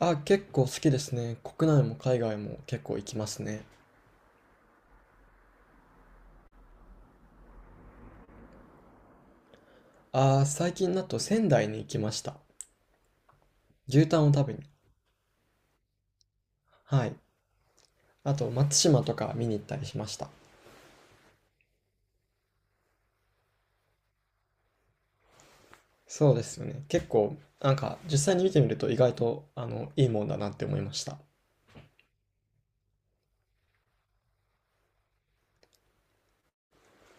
あ、結構好きですね。国内も海外も結構行きますね。あ、最近だと仙台に行きました。牛タンを食べに。はい。あと松島とか見に行ったりしました。そうですよね。結構、なんか実際に見てみると意外と、いいもんだなって思いました。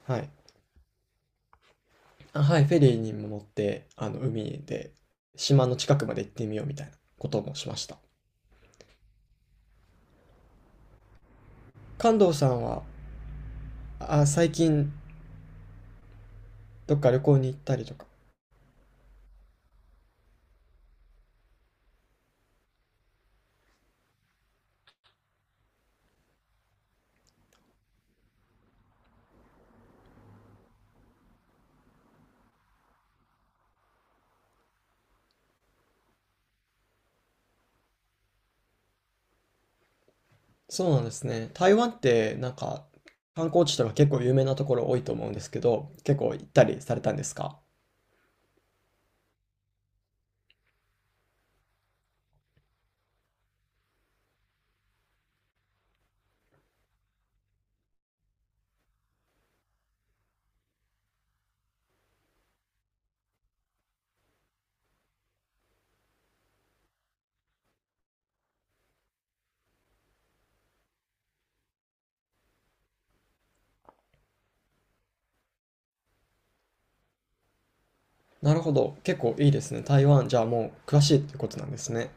はい。あ、はい、フェリーにも乗って、海で島の近くまで行ってみようみたいなこともしました。関東さんは、あ、最近どっか旅行に行ったりとか。そうなんですね。台湾ってなんか観光地とか結構有名なところ多いと思うんですけど、結構行ったりされたんですか？なるほど。結構いいですね。台湾、じゃあもう詳しいってことなんですね。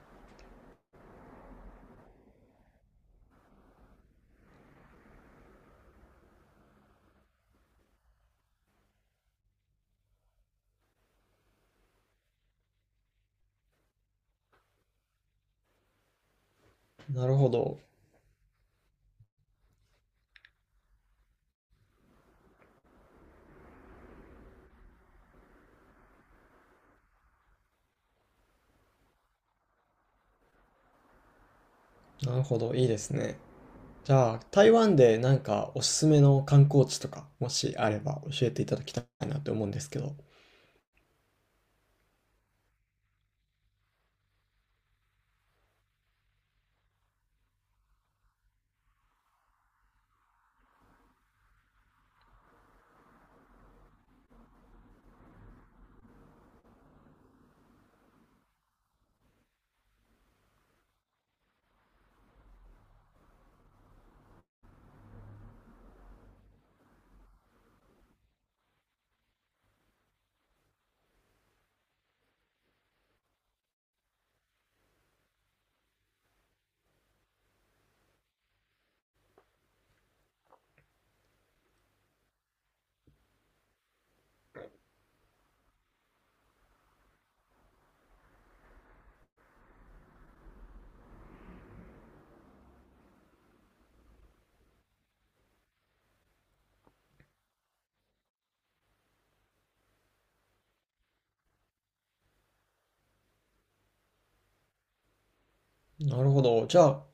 なるほど。なるほど。いいですね。じゃあ、台湾でなんかおすすめの観光地とか、もしあれば教えていただきたいなって思うんですけど。なるほど。じゃあ、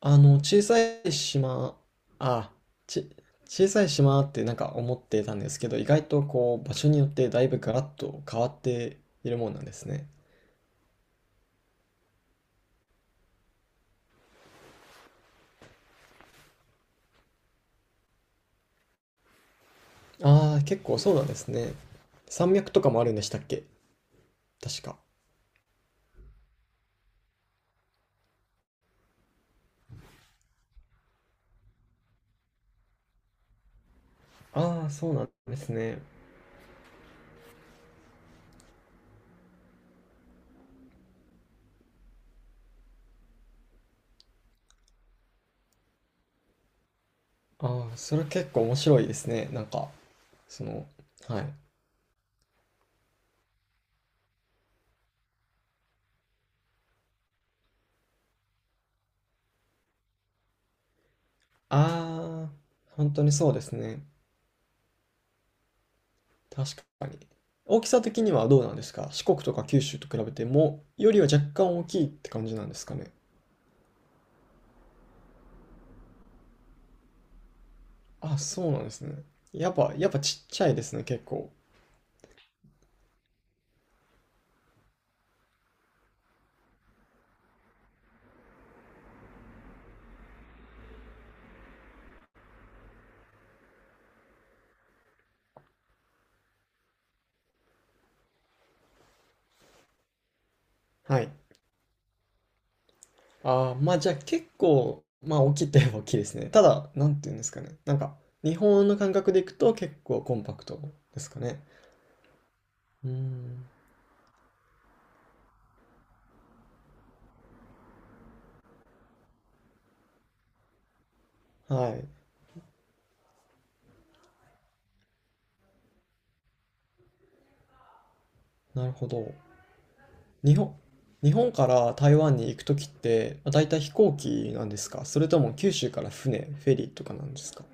あの、小さい島、あ、ち、小さい島ってなんか思ってたんですけど、意外とこう、場所によってだいぶガラッと変わっているもんなんですね。ああ、結構そうなんですね。山脈とかもあるんでしたっけ？確か。ああ、そうなんですね。ああ、それ結構面白いですね。なんか、その、はい。ああ、本当にそうですね。確かに。大きさ的にはどうなんですか？四国とか九州と比べても、よりは若干大きいって感じなんですかね？あ、そうなんですね。やっぱちっちゃいですね、結構。はい。まあじゃあ結構、まあ大きいって言えば大きいですね。ただ、なんて言うんですかね。なんか、日本の感覚でいくと結構コンパクトですかね。うーん。はい。なるほど。日本、日本から台湾に行くときって、だいたい飛行機なんですか？それとも九州から船、フェリーとかなんですか？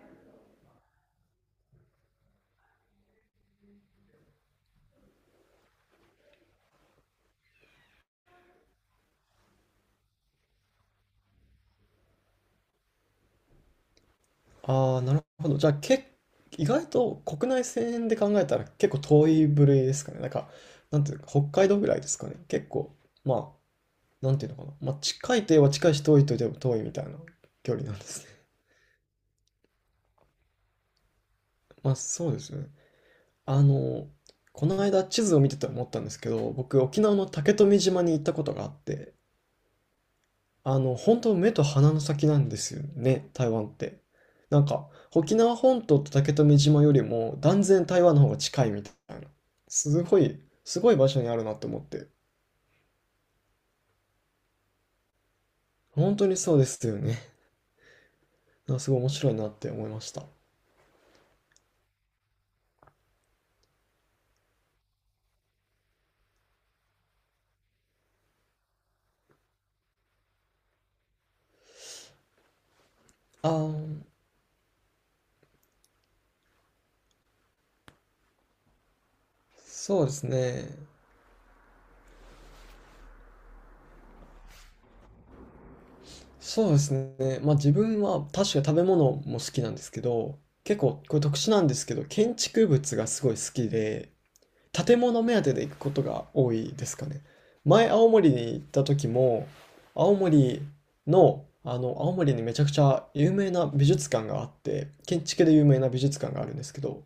ああ、なるほど。じゃあ、意外と国内線で考えたら結構遠い部類ですかね？なんか、なんていうか、北海道ぐらいですかね。結構、まあ、なんていうのかな。まあ、近いといえば近いし、遠いといえば遠いみたいな距離なんですね。まあ、そうですね。あの、この間地図を見てて思ったんですけど、僕、沖縄の竹富島に行ったことがあって、本当目と鼻の先なんですよね、台湾って。なんか、沖縄本島と竹富島よりも断然台湾の方が近いみたいな。すごい、すごい場所にあるなって思って。本当にそうですよね。なんかすごい面白いなって思いました。あー、そうですね。そうですね。まあ自分は確か食べ物も好きなんですけど、結構これ特殊なんですけど、建築物がすごい好きで、建物目当てで行くことが多いですかね。前、青森に行った時も、青森の、あの、青森にめちゃくちゃ有名な美術館があって、建築で有名な美術館があるんですけど、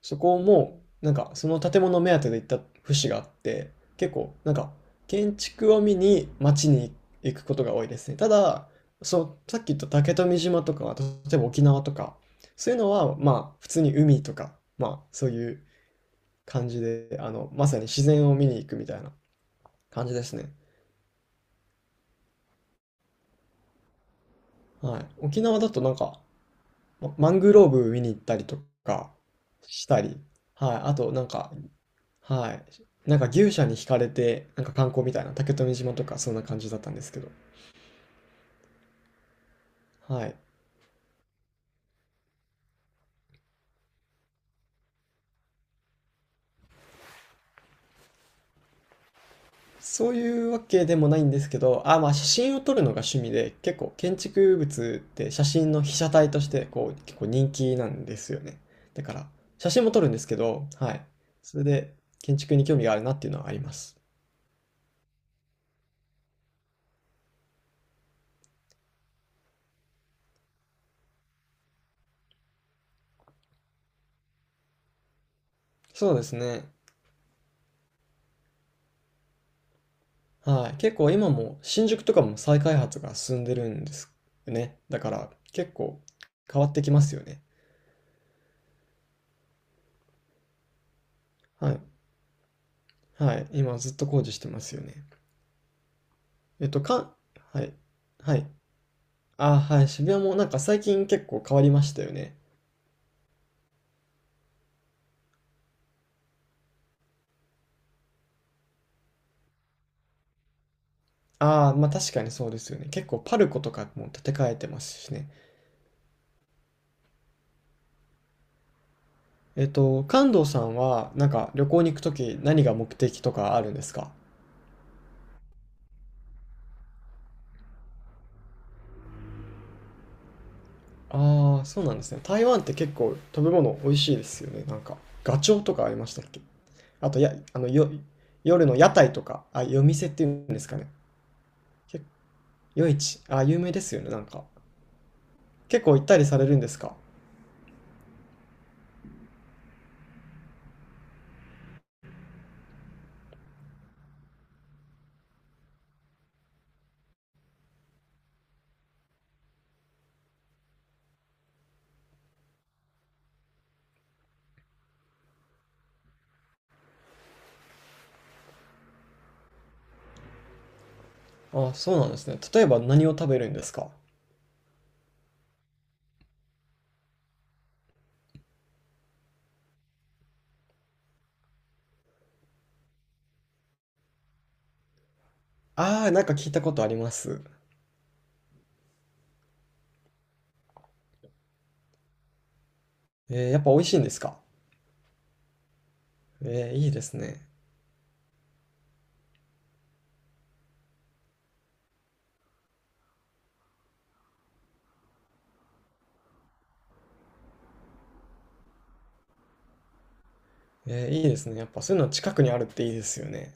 そこも、なんか、その建物目当てで行った節があって、結構、なんか、建築を見に街に行くことが多いですね。ただ、そう、さっき言った竹富島とか、例えば沖縄とか、そういうのは、まあ、普通に海とか、まあ、そういう感じで、まさに自然を見に行くみたいな感じですね。はい。沖縄だとなんか、マングローブ見に行ったりとかしたり、はい。あとなんか、はい。なんか牛舎に惹かれて、なんか観光みたいな、竹富島とかそんな感じだったんですけど、はい。そういうわけでもないんですけど、あ、まあ写真を撮るのが趣味で、結構建築物って写真の被写体としてこう結構人気なんですよね。だから写真も撮るんですけど、はい。それで建築に興味があるなっていうのはあります。そうですね。はい。結構今も新宿とかも再開発が進んでるんですよね。だから結構変わってきますよね。はい。はい。今ずっと工事してますよね。えっと、かん、はい。はい。ああ、はい、渋谷もなんか最近結構変わりましたよね。ああ、まあ確かにそうですよね。結構パルコとかも建て替えてますしね。関東さんはなんか旅行に行くとき何が目的とかあるんですか？ああ、そうなんですね。台湾って結構食べ物美味しいですよね。なんか、ガチョウとかありましたっけ？あと、や、あの、よ、夜の屋台とか、あ、夜店っていうんですかね。け、夜市。あ、有名ですよね。なんか。結構行ったりされるんですか？ああ、そうなんですね。例えば何を食べるんですか？ああ、なんか聞いたことあります。やっぱ美味しいんですか？いいですね。いいですね。やっぱそういうの近くにあるっていいですよね。